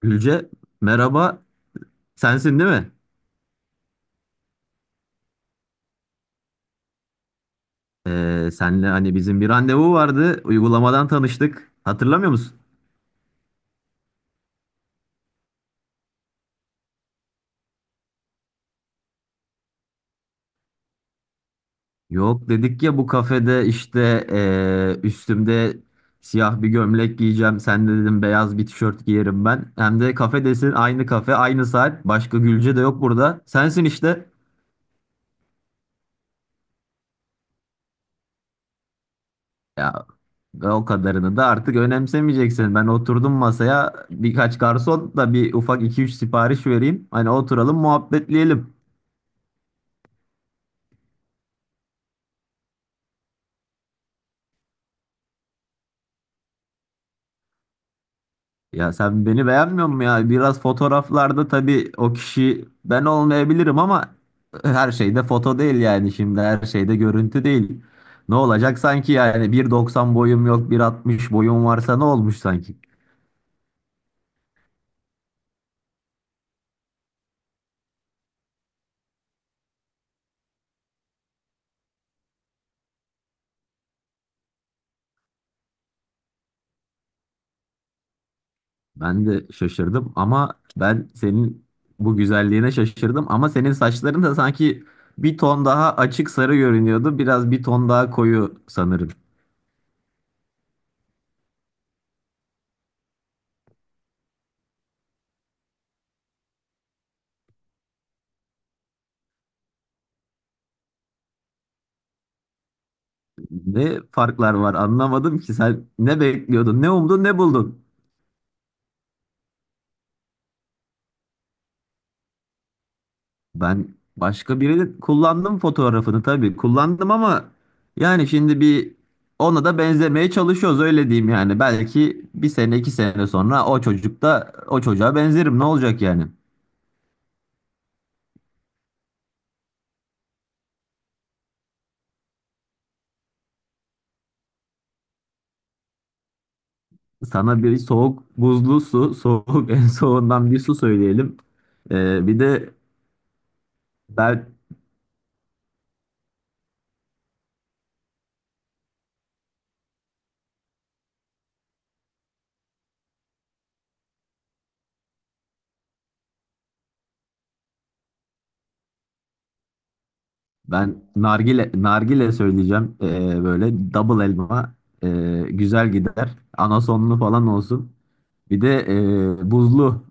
Gülce, merhaba, sensin değil mi? Senle hani bizim bir randevu vardı, uygulamadan tanıştık, hatırlamıyor musun? Yok dedik ya bu kafede işte üstümde siyah bir gömlek giyeceğim, sen de dedim beyaz bir tişört giyerim ben. Hem de kafedesin, aynı kafe, aynı saat, başka Gülce de yok burada, sensin işte. Ya o kadarını da artık önemsemeyeceksin. Ben oturdum masaya, birkaç garson da bir ufak iki üç sipariş vereyim. Hani oturalım, muhabbetleyelim. Ya sen beni beğenmiyor musun ya? Biraz fotoğraflarda tabii o kişi ben olmayabilirim ama her şeyde foto değil, yani şimdi her şeyde görüntü değil. Ne olacak sanki, yani bir doksan boyum yok, bir altmış boyum varsa ne olmuş sanki? Ben de şaşırdım ama ben senin bu güzelliğine şaşırdım, ama senin saçların da sanki bir ton daha açık sarı görünüyordu, biraz bir ton daha koyu sanırım. Ne farklar var anlamadım ki, sen ne bekliyordun, ne umdun, ne buldun? Ben başka birini kullandım fotoğrafını tabii. Kullandım ama yani şimdi bir ona da benzemeye çalışıyoruz, öyle diyeyim yani. Belki bir sene iki sene sonra o çocuk da, o çocuğa benzerim, ne olacak yani. Sana bir soğuk buzlu su, soğuk en soğuğundan bir su söyleyelim. Bir de ben ben nargile söyleyeceğim. Böyle double elma güzel gider. Anasonlu falan olsun. Bir de buzlu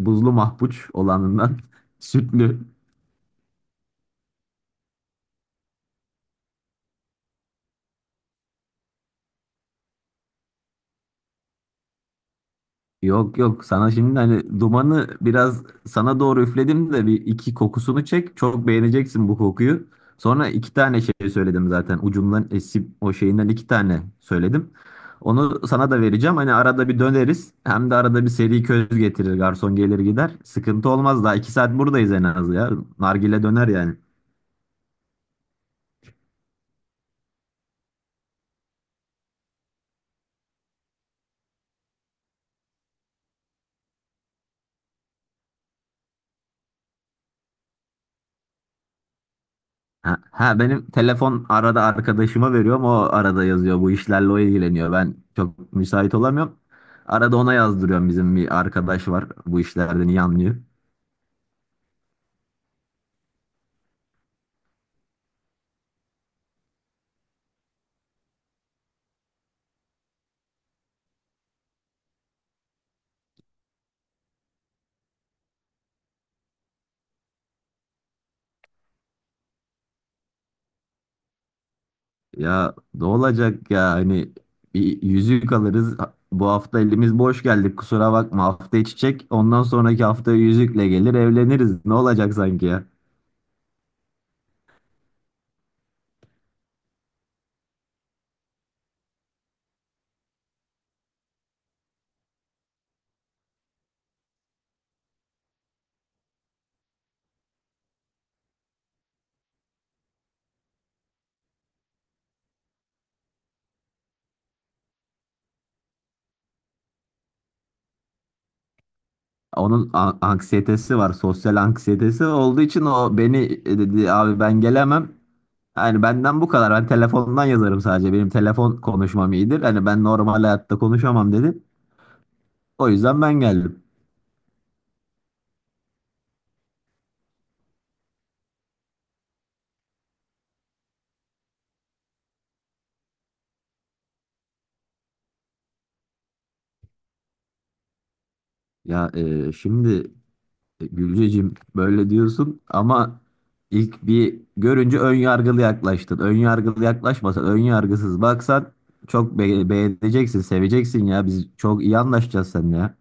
mahpuç olanından sütlü. Yok yok, sana şimdi hani dumanı biraz sana doğru üfledim de bir iki kokusunu çek. Çok beğeneceksin bu kokuyu. Sonra iki tane şey söyledim zaten, ucundan esip o şeyinden iki tane söyledim. Onu sana da vereceğim. Hani arada bir döneriz. Hem de arada bir seri köz getirir. Garson gelir gider. Sıkıntı olmaz. Daha iki saat buradayız en az ya. Nargile döner yani. Ha, ha, benim telefon arada arkadaşıma veriyorum. O arada yazıyor. Bu işlerle o ilgileniyor. Ben çok müsait olamıyorum. Arada ona yazdırıyorum. Bizim bir arkadaş var. Bu işlerden iyi anlıyor. Ya ne olacak ya, hani bir yüzük alırız. Bu hafta elimiz boş geldik. Kusura bakma. Hafta içecek. Ondan sonraki hafta yüzükle gelir evleniriz. Ne olacak sanki ya? Onun anksiyetesi var. Sosyal anksiyetesi olduğu için o beni, dedi abi ben gelemem. Yani benden bu kadar. Ben telefondan yazarım sadece. Benim telefon konuşmam iyidir. Hani ben normal hayatta konuşamam dedi. O yüzden ben geldim. Ya şimdi Gülcecim, böyle diyorsun ama ilk bir görünce ön yargılı yaklaştın. Ön yargılı yaklaşmasan, ön yargısız baksan çok beğeneceksin, seveceksin ya. Biz çok iyi anlaşacağız seninle ya.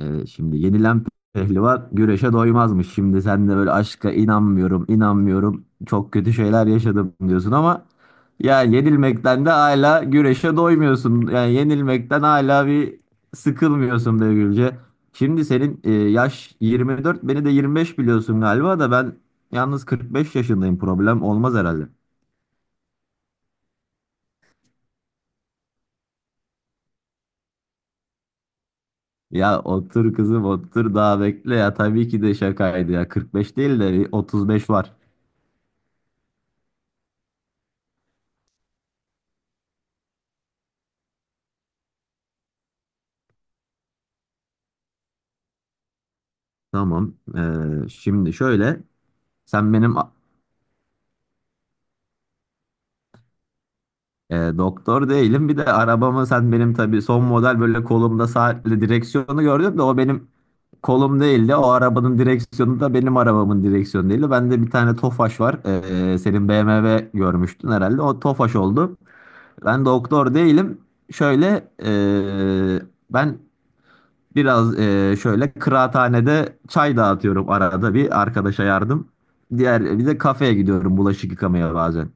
Şimdi yenilen pehlivan güreşe doymazmış. Şimdi sen de böyle aşka inanmıyorum, inanmıyorum, çok kötü şeyler yaşadım diyorsun ama yani yenilmekten de hala güreşe doymuyorsun. Yani yenilmekten hala bir sıkılmıyorsun be Gülce. Şimdi senin yaş 24, beni de 25 biliyorsun galiba da ben yalnız 45 yaşındayım. Problem olmaz herhalde. Ya otur kızım, otur daha bekle, ya tabii ki de şakaydı ya, 45 değil de bir 35 var. Tamam. Şimdi şöyle, sen benim a- doktor değilim, bir de arabamı, sen benim tabii son model böyle kolumda saatli direksiyonu gördün de o benim kolum değildi. O arabanın direksiyonu da benim arabamın direksiyonu değildi. Bende bir tane Tofaş var. Senin BMW görmüştün herhalde. O Tofaş oldu. Ben doktor değilim. Şöyle e, ben biraz şöyle kıraathanede çay dağıtıyorum, arada bir arkadaşa yardım. Diğer bir de kafeye gidiyorum bulaşık yıkamaya bazen.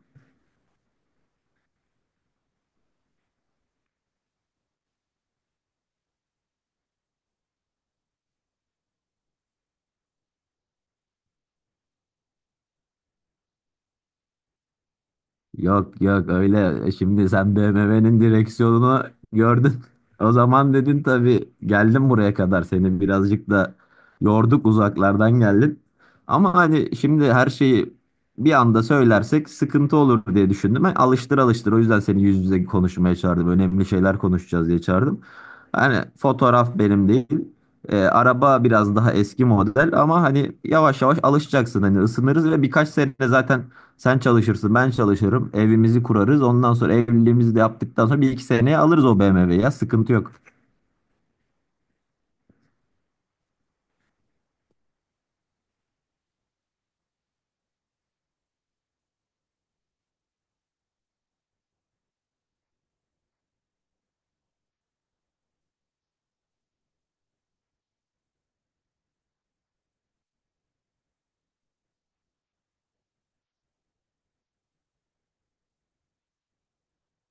Yok yok öyle, şimdi sen BMW'nin direksiyonunu gördün. O zaman dedin tabii, geldim buraya kadar, seni birazcık da yorduk, uzaklardan geldin. Ama hani şimdi her şeyi bir anda söylersek sıkıntı olur diye düşündüm. Ben alıştır alıştır, o yüzden seni yüz yüze konuşmaya çağırdım. Önemli şeyler konuşacağız diye çağırdım. Hani fotoğraf benim değil. Araba biraz daha eski model ama hani yavaş yavaş alışacaksın, hani ısınırız ve birkaç sene zaten sen çalışırsın, ben çalışırım. Evimizi kurarız. Ondan sonra evliliğimizi de yaptıktan sonra bir iki seneye alırız o BMW'yi ya. Sıkıntı yok.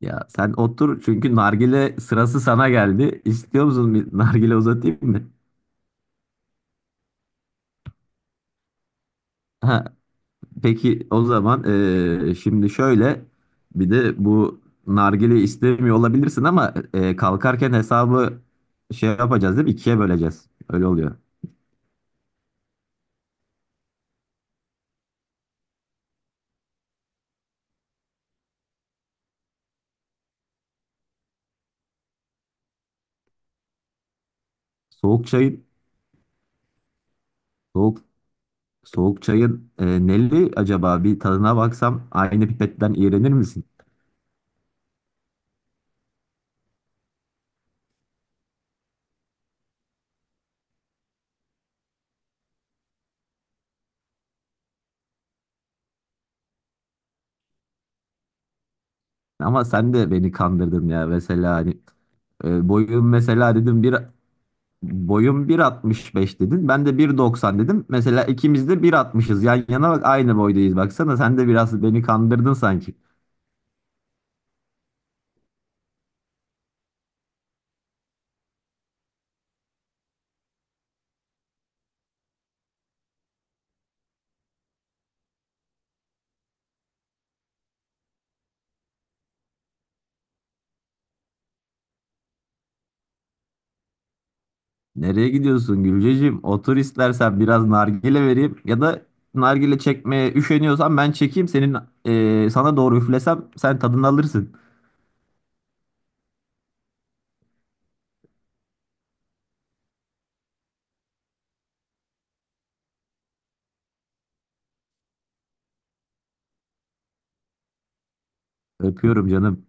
Ya sen otur, çünkü nargile sırası sana geldi. İstiyor musun, bir nargile uzatayım mı? Ha, peki o zaman şimdi şöyle, bir de bu nargile istemiyor olabilirsin ama kalkarken hesabı şey yapacağız değil mi? İkiye böleceğiz. Öyle oluyor. Soğuk çayın, soğuk Soğuk çayın neli acaba, bir tadına baksam aynı pipetten iğrenir misin? Ama sen de beni kandırdın ya, mesela hani boyum mesela dedim, boyum 1.65 dedin, ben de 1.90 dedim. Mesela ikimiz de 1.60'ız, yan yana bak aynı boydayız, baksana sen de biraz beni kandırdın sanki. Nereye gidiyorsun Gülceciğim? Otur istersen, biraz nargile vereyim, ya da nargile çekmeye üşeniyorsan ben çekeyim, senin sana doğru üflesem sen tadını alırsın. Öpüyorum canım.